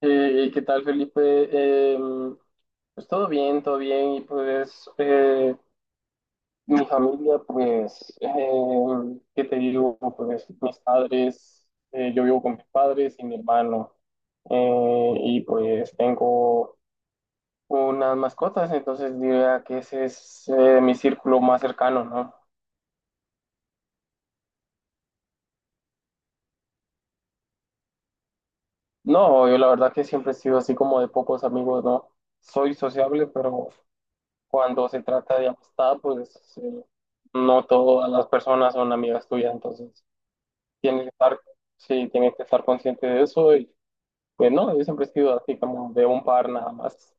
¿Qué tal, Felipe? Eh, pues todo bien, todo bien. Y pues mi familia, pues, ¿qué te digo? Pues mis padres, yo vivo con mis padres y mi hermano. Y pues tengo unas mascotas, entonces diría que ese es mi círculo más cercano, ¿no? No, yo la verdad que siempre he sido así como de pocos amigos, ¿no? Soy sociable, pero cuando se trata de amistad, pues no todas las personas son amigas tuyas, entonces tienes que estar, sí, tienes que estar consciente de eso. Y pues no, yo siempre he sido así como de un par nada más.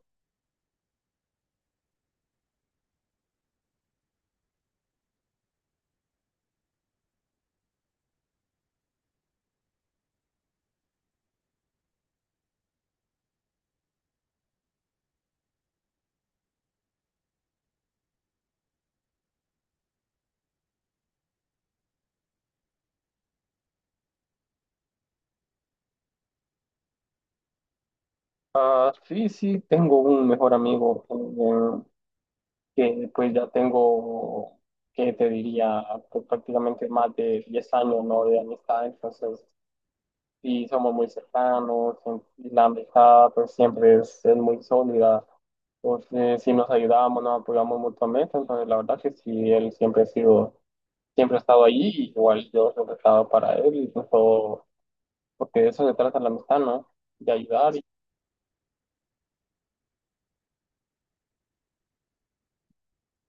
Ah, sí, sí, tengo un mejor amigo, que pues ya tengo, que te diría, pues, prácticamente más de 10 años, ¿no? De amistad. Entonces sí, somos muy cercanos y la amistad pues siempre es muy sólida. Entonces, sí nos ayudamos, nos apoyamos mutuamente. Entonces, la verdad que sí, él siempre ha sido, siempre ha estado allí, igual yo siempre he estado para él, incluso porque de eso se trata la amistad, ¿no? De ayudar.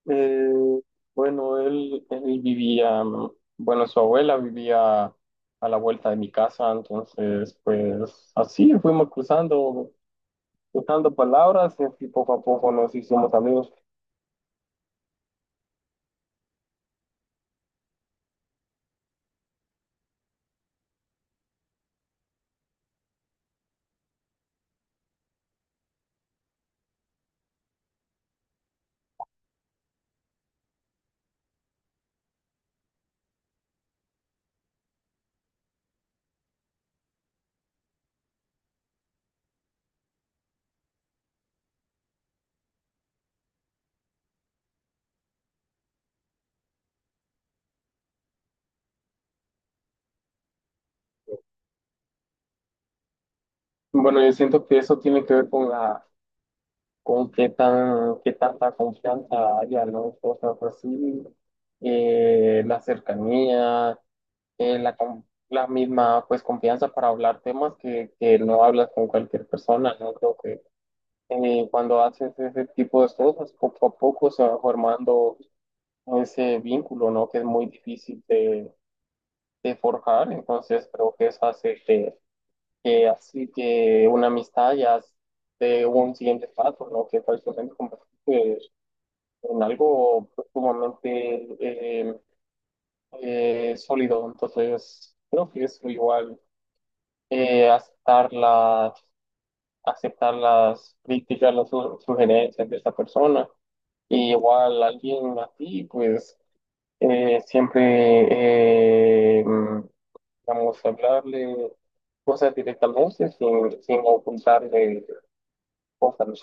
Eh, bueno, él vivía, bueno, su abuela vivía a la vuelta de mi casa, entonces, pues así fuimos cruzando, usando palabras, y poco a poco nos hicimos amigos. Bueno, yo siento que eso tiene que ver con la, con qué tan, qué tanta confianza haya, ¿no? Cosas así, la cercanía, la, la misma, pues, confianza para hablar temas que no hablas con cualquier persona, ¿no? Creo que cuando haces ese tipo de cosas, poco a poco se va formando ese vínculo, ¿no? Que es muy difícil de forjar. Entonces creo que eso hace que así que una amistad ya es de un siguiente paso, ¿no? Que prácticamente convertirse en algo pues, sumamente eh, sólido. Entonces, creo que eso igual, eh, aceptar las, aceptar las críticas, las sugerencias de esa persona. Y igual alguien así, pues, eh, siempre, eh, vamos a hablarle cosas directamente sin, sin ocultarle cosas, ¿no?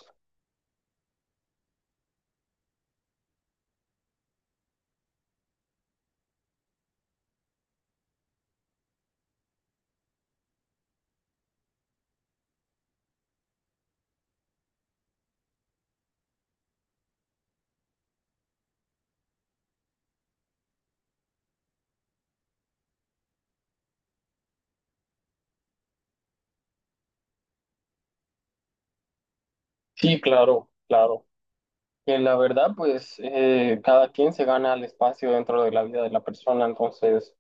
Sí, claro, claro. Que la verdad, pues cada quien se gana el espacio dentro de la vida de la persona. Entonces,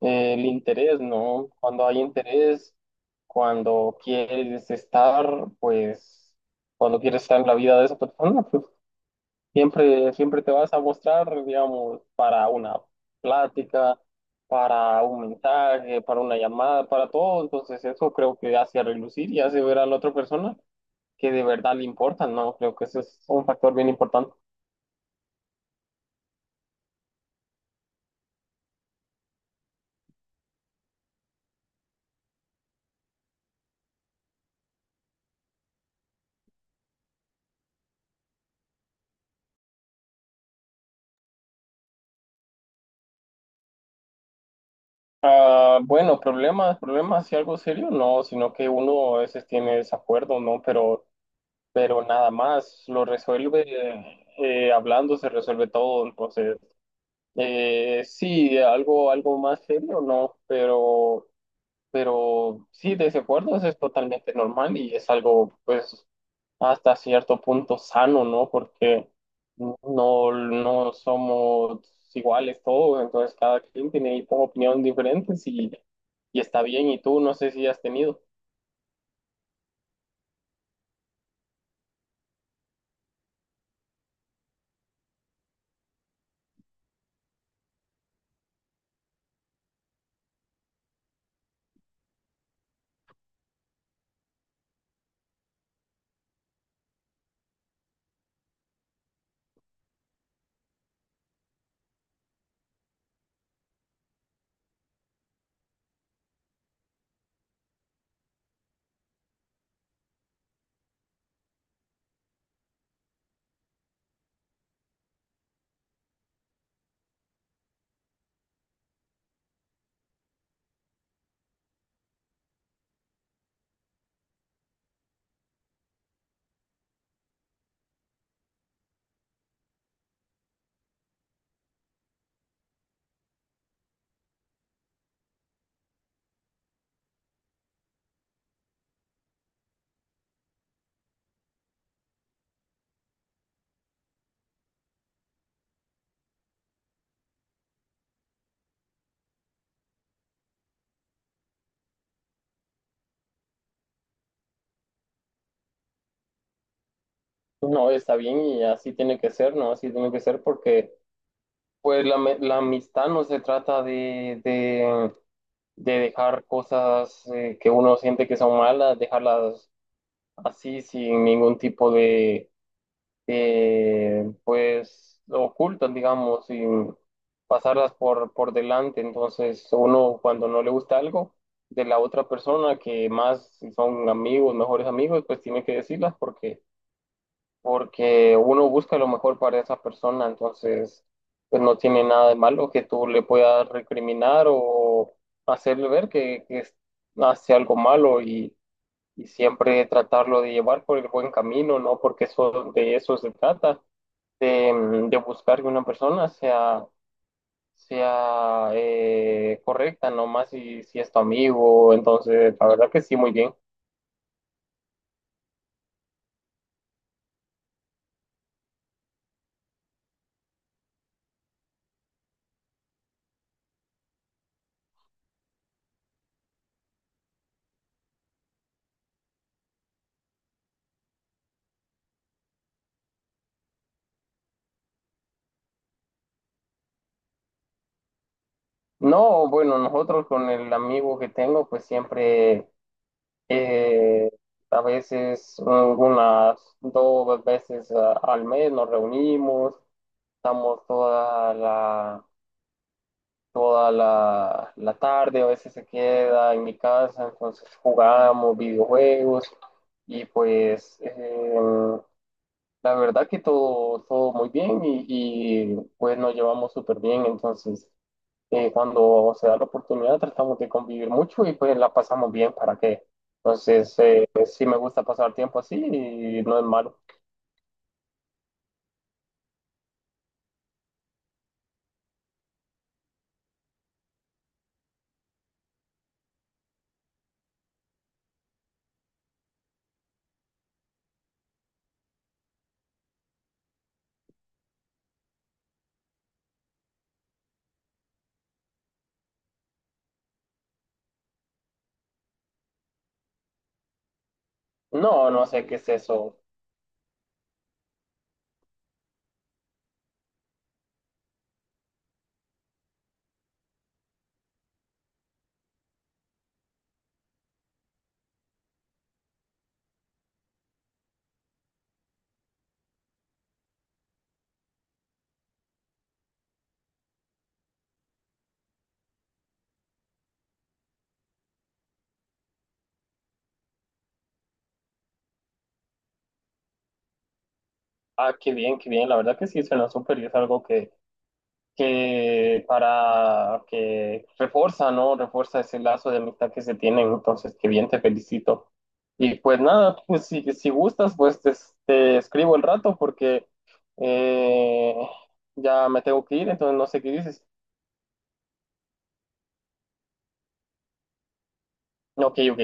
el interés, ¿no? Cuando hay interés, cuando quieres estar, pues cuando quieres estar en la vida de esa persona, pues siempre, siempre te vas a mostrar, digamos, para una plática, para un mensaje, para una llamada, para todo. Entonces eso creo que hace relucir y hace ver a la otra persona que de verdad le importan, ¿no? Creo que eso es un factor bien importante. Ah, bueno, problemas, problemas y algo serio, no, sino que uno a veces tiene desacuerdo, ¿no? Pero nada más, lo resuelve, hablando se resuelve todo. Entonces, sí, algo, algo más serio, ¿no? Pero sí, desacuerdos es totalmente normal y es algo, pues, hasta cierto punto sano, ¿no? Porque no, no somos iguales todos, entonces cada quien tiene ahí como opiniones diferentes y está bien. Y tú no sé si has tenido. No, está bien y así tiene que ser, ¿no? Así tiene que ser porque pues la, la amistad no se trata de dejar cosas que uno siente que son malas, dejarlas así sin ningún tipo de pues ocultan, digamos, y pasarlas por delante. Entonces, uno cuando no le gusta algo de la otra persona, que más si son amigos, mejores amigos, pues tiene que decirlas porque, porque uno busca lo mejor para esa persona. Entonces, pues no tiene nada de malo que tú le puedas recriminar o hacerle ver que, hace algo malo y siempre tratarlo de llevar por el buen camino, ¿no? Porque eso, de eso se trata de, de buscar que una persona sea, sea correcta, no más si, si es tu amigo. Entonces la verdad que sí, muy bien. No, bueno, nosotros con el amigo que tengo, pues siempre, eh, a veces, unas 2 veces al mes nos reunimos, estamos toda la, la tarde, a veces se queda en mi casa, entonces jugamos videojuegos y pues la verdad que todo, todo muy bien y, pues nos llevamos súper bien. Entonces cuando se da la oportunidad tratamos de convivir mucho y pues la pasamos bien, ¿para qué? Entonces, sí me gusta pasar tiempo así y no es malo. No, no sé qué es eso. Ah, qué bien, la verdad que sí suena súper y es algo que para que refuerza ¿no? Refuerza ese lazo de amistad que se tienen. Entonces, qué bien, te felicito. Y pues nada, pues si, si gustas, pues te escribo el rato porque eh, ya me tengo que ir, entonces no sé qué dices. Ok, ok.